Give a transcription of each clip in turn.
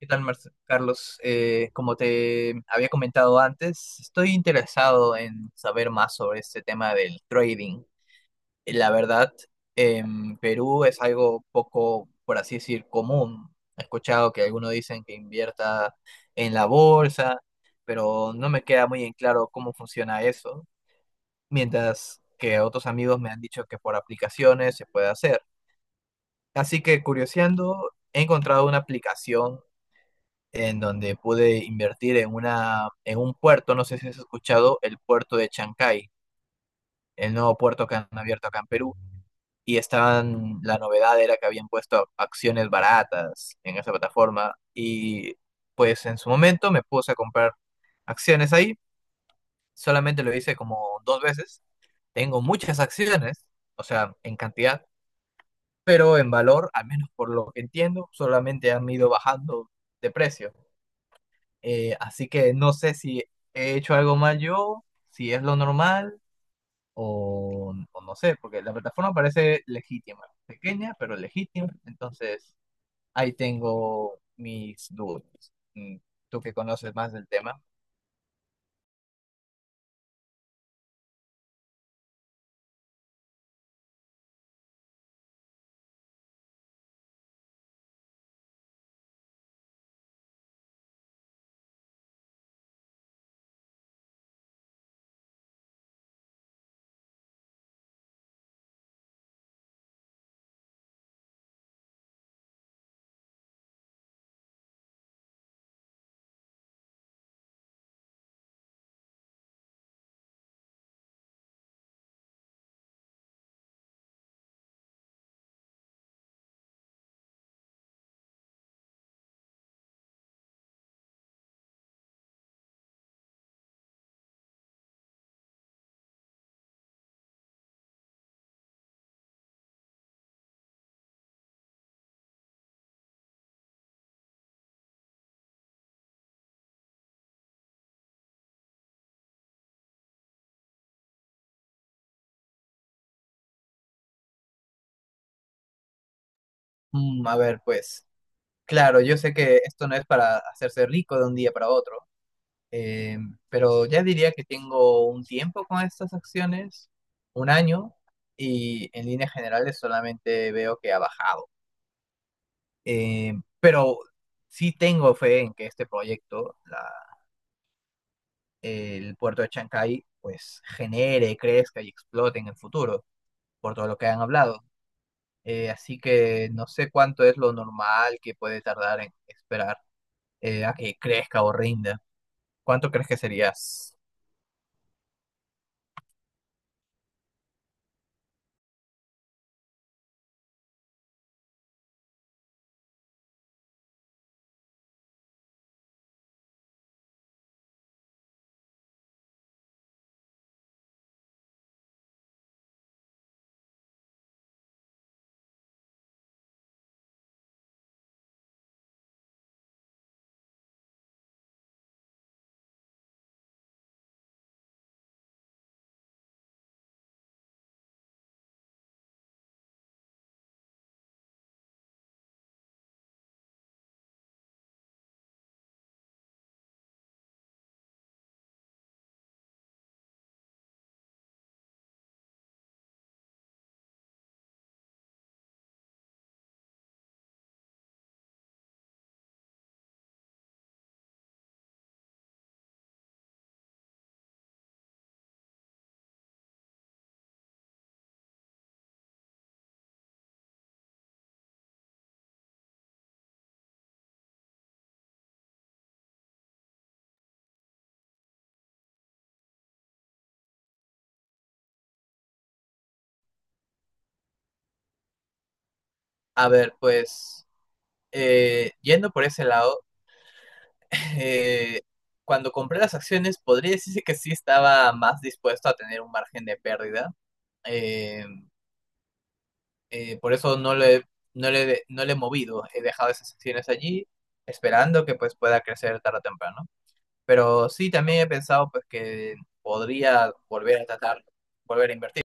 ¿Qué tal, Carlos? Como te había comentado antes, estoy interesado en saber más sobre este tema del trading. La verdad, en Perú es algo poco, por así decir, común. He escuchado que algunos dicen que invierta en la bolsa, pero no me queda muy en claro cómo funciona eso, mientras que otros amigos me han dicho que por aplicaciones se puede hacer. Así que curioseando, he encontrado una aplicación en donde pude invertir en una, en un puerto, no sé si has escuchado, el puerto de Chancay, el nuevo puerto que han abierto acá en Perú. Y estaban, la novedad era que habían puesto acciones baratas en esa plataforma. Y pues en su momento me puse a comprar acciones ahí. Solamente lo hice como dos veces. Tengo muchas acciones, o sea, en cantidad, pero en valor, al menos por lo que entiendo, solamente han ido bajando de precio. Así que no sé si he hecho algo mal yo, si es lo normal o no sé, porque la plataforma parece legítima, pequeña pero legítima, entonces ahí tengo mis dudas. Tú que conoces más del tema. Mm, a ver, pues claro, yo sé que esto no es para hacerse rico de un día para otro, eh, pero ya diría que tengo un tiempo con estas acciones, un año, y en líneas generales solamente veo que ha bajado. Eh, pero sí tengo fe en que este proyecto, el puerto de Chancay, pues genere, crezca y explote en el futuro, por todo lo que han hablado. Así que no sé cuánto es lo normal que puede tardar en esperar a que crezca o rinda. ¿Cuánto crees que serías? A ver, pues yendo por ese lado, eh, cuando compré las acciones podría decirse que sí estaba más dispuesto a tener un margen de pérdida. Eh, por eso no le he movido, he dejado esas secciones allí, esperando que pues pueda crecer tarde o temprano. Pero sí, también he pensado pues que podría volver a tratar, volver a invertir.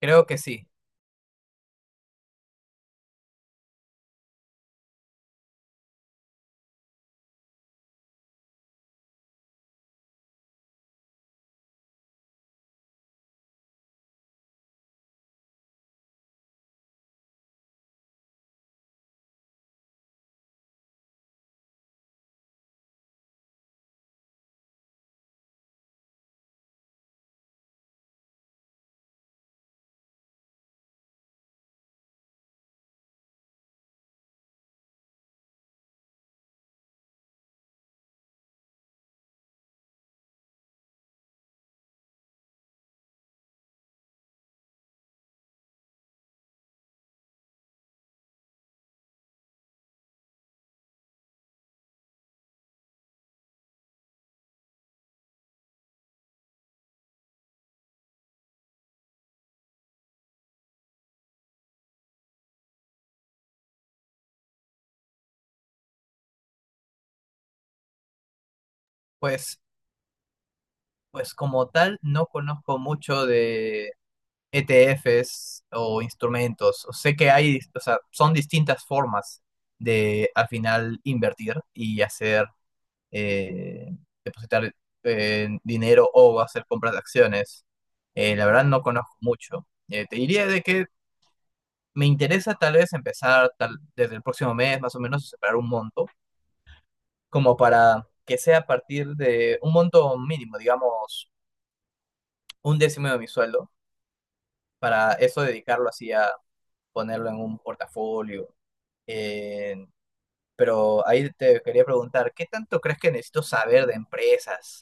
Creo que sí. Pues, pues como tal, no conozco mucho de ETFs o instrumentos. Sé que hay, o sea, son distintas formas de al final invertir y hacer eh, depositar dinero o hacer compras de acciones. La verdad no conozco mucho. Te diría de que me interesa tal vez empezar tal, desde el próximo mes más o menos separar un monto, como para que sea a partir de un monto mínimo, digamos un décimo de mi sueldo, para eso dedicarlo así a ponerlo en un portafolio, en. Pero ahí te quería preguntar, ¿qué tanto crees que necesito saber de empresas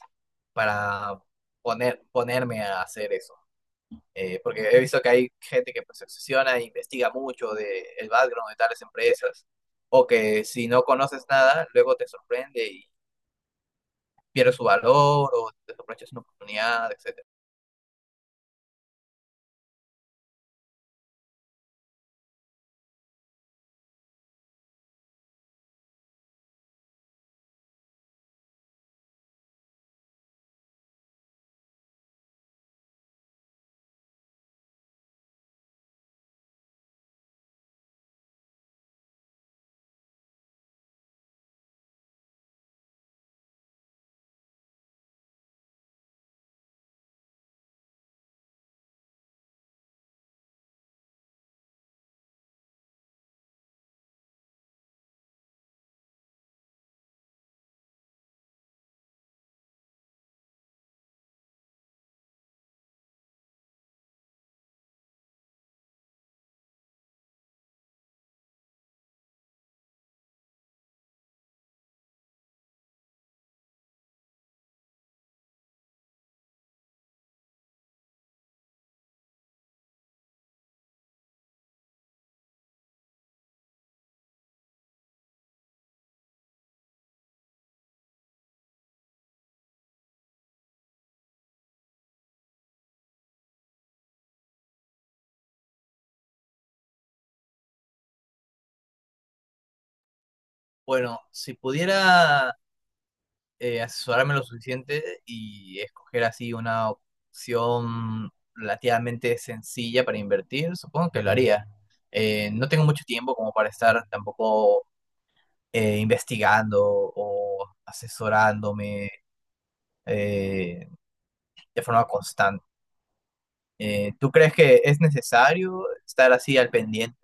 para poner, ponerme a hacer eso? Porque he visto que hay gente que pues, se obsesiona e investiga mucho de el background de tales empresas, o que si no conoces nada, luego te sorprende y pierde su valor, o te sorprendes una oportunidad, etcétera. Bueno, si pudiera asesorarme lo suficiente y escoger así una opción relativamente sencilla para invertir, supongo que lo haría. No tengo mucho tiempo como para estar tampoco investigando o asesorándome eh, de forma constante. ¿Tú crees que es necesario estar así al pendiente?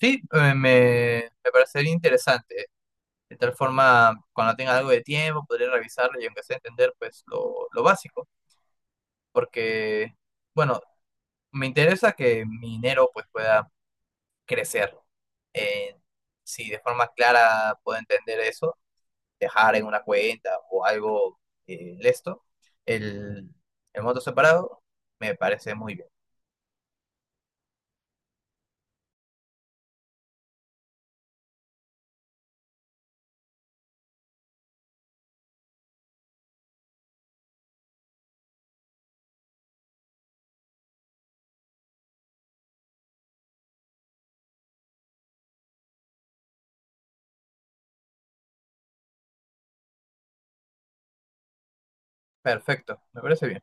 Sí, me parecería interesante. De tal forma, cuando tenga algo de tiempo, podré revisarlo y aunque sea entender pues lo básico. Porque, bueno, me interesa que mi dinero pues pueda crecer. Eh, si de forma clara puedo entender eso, dejar en una cuenta o algo de esto, el, el monto separado me parece muy bien. Perfecto, me parece bien.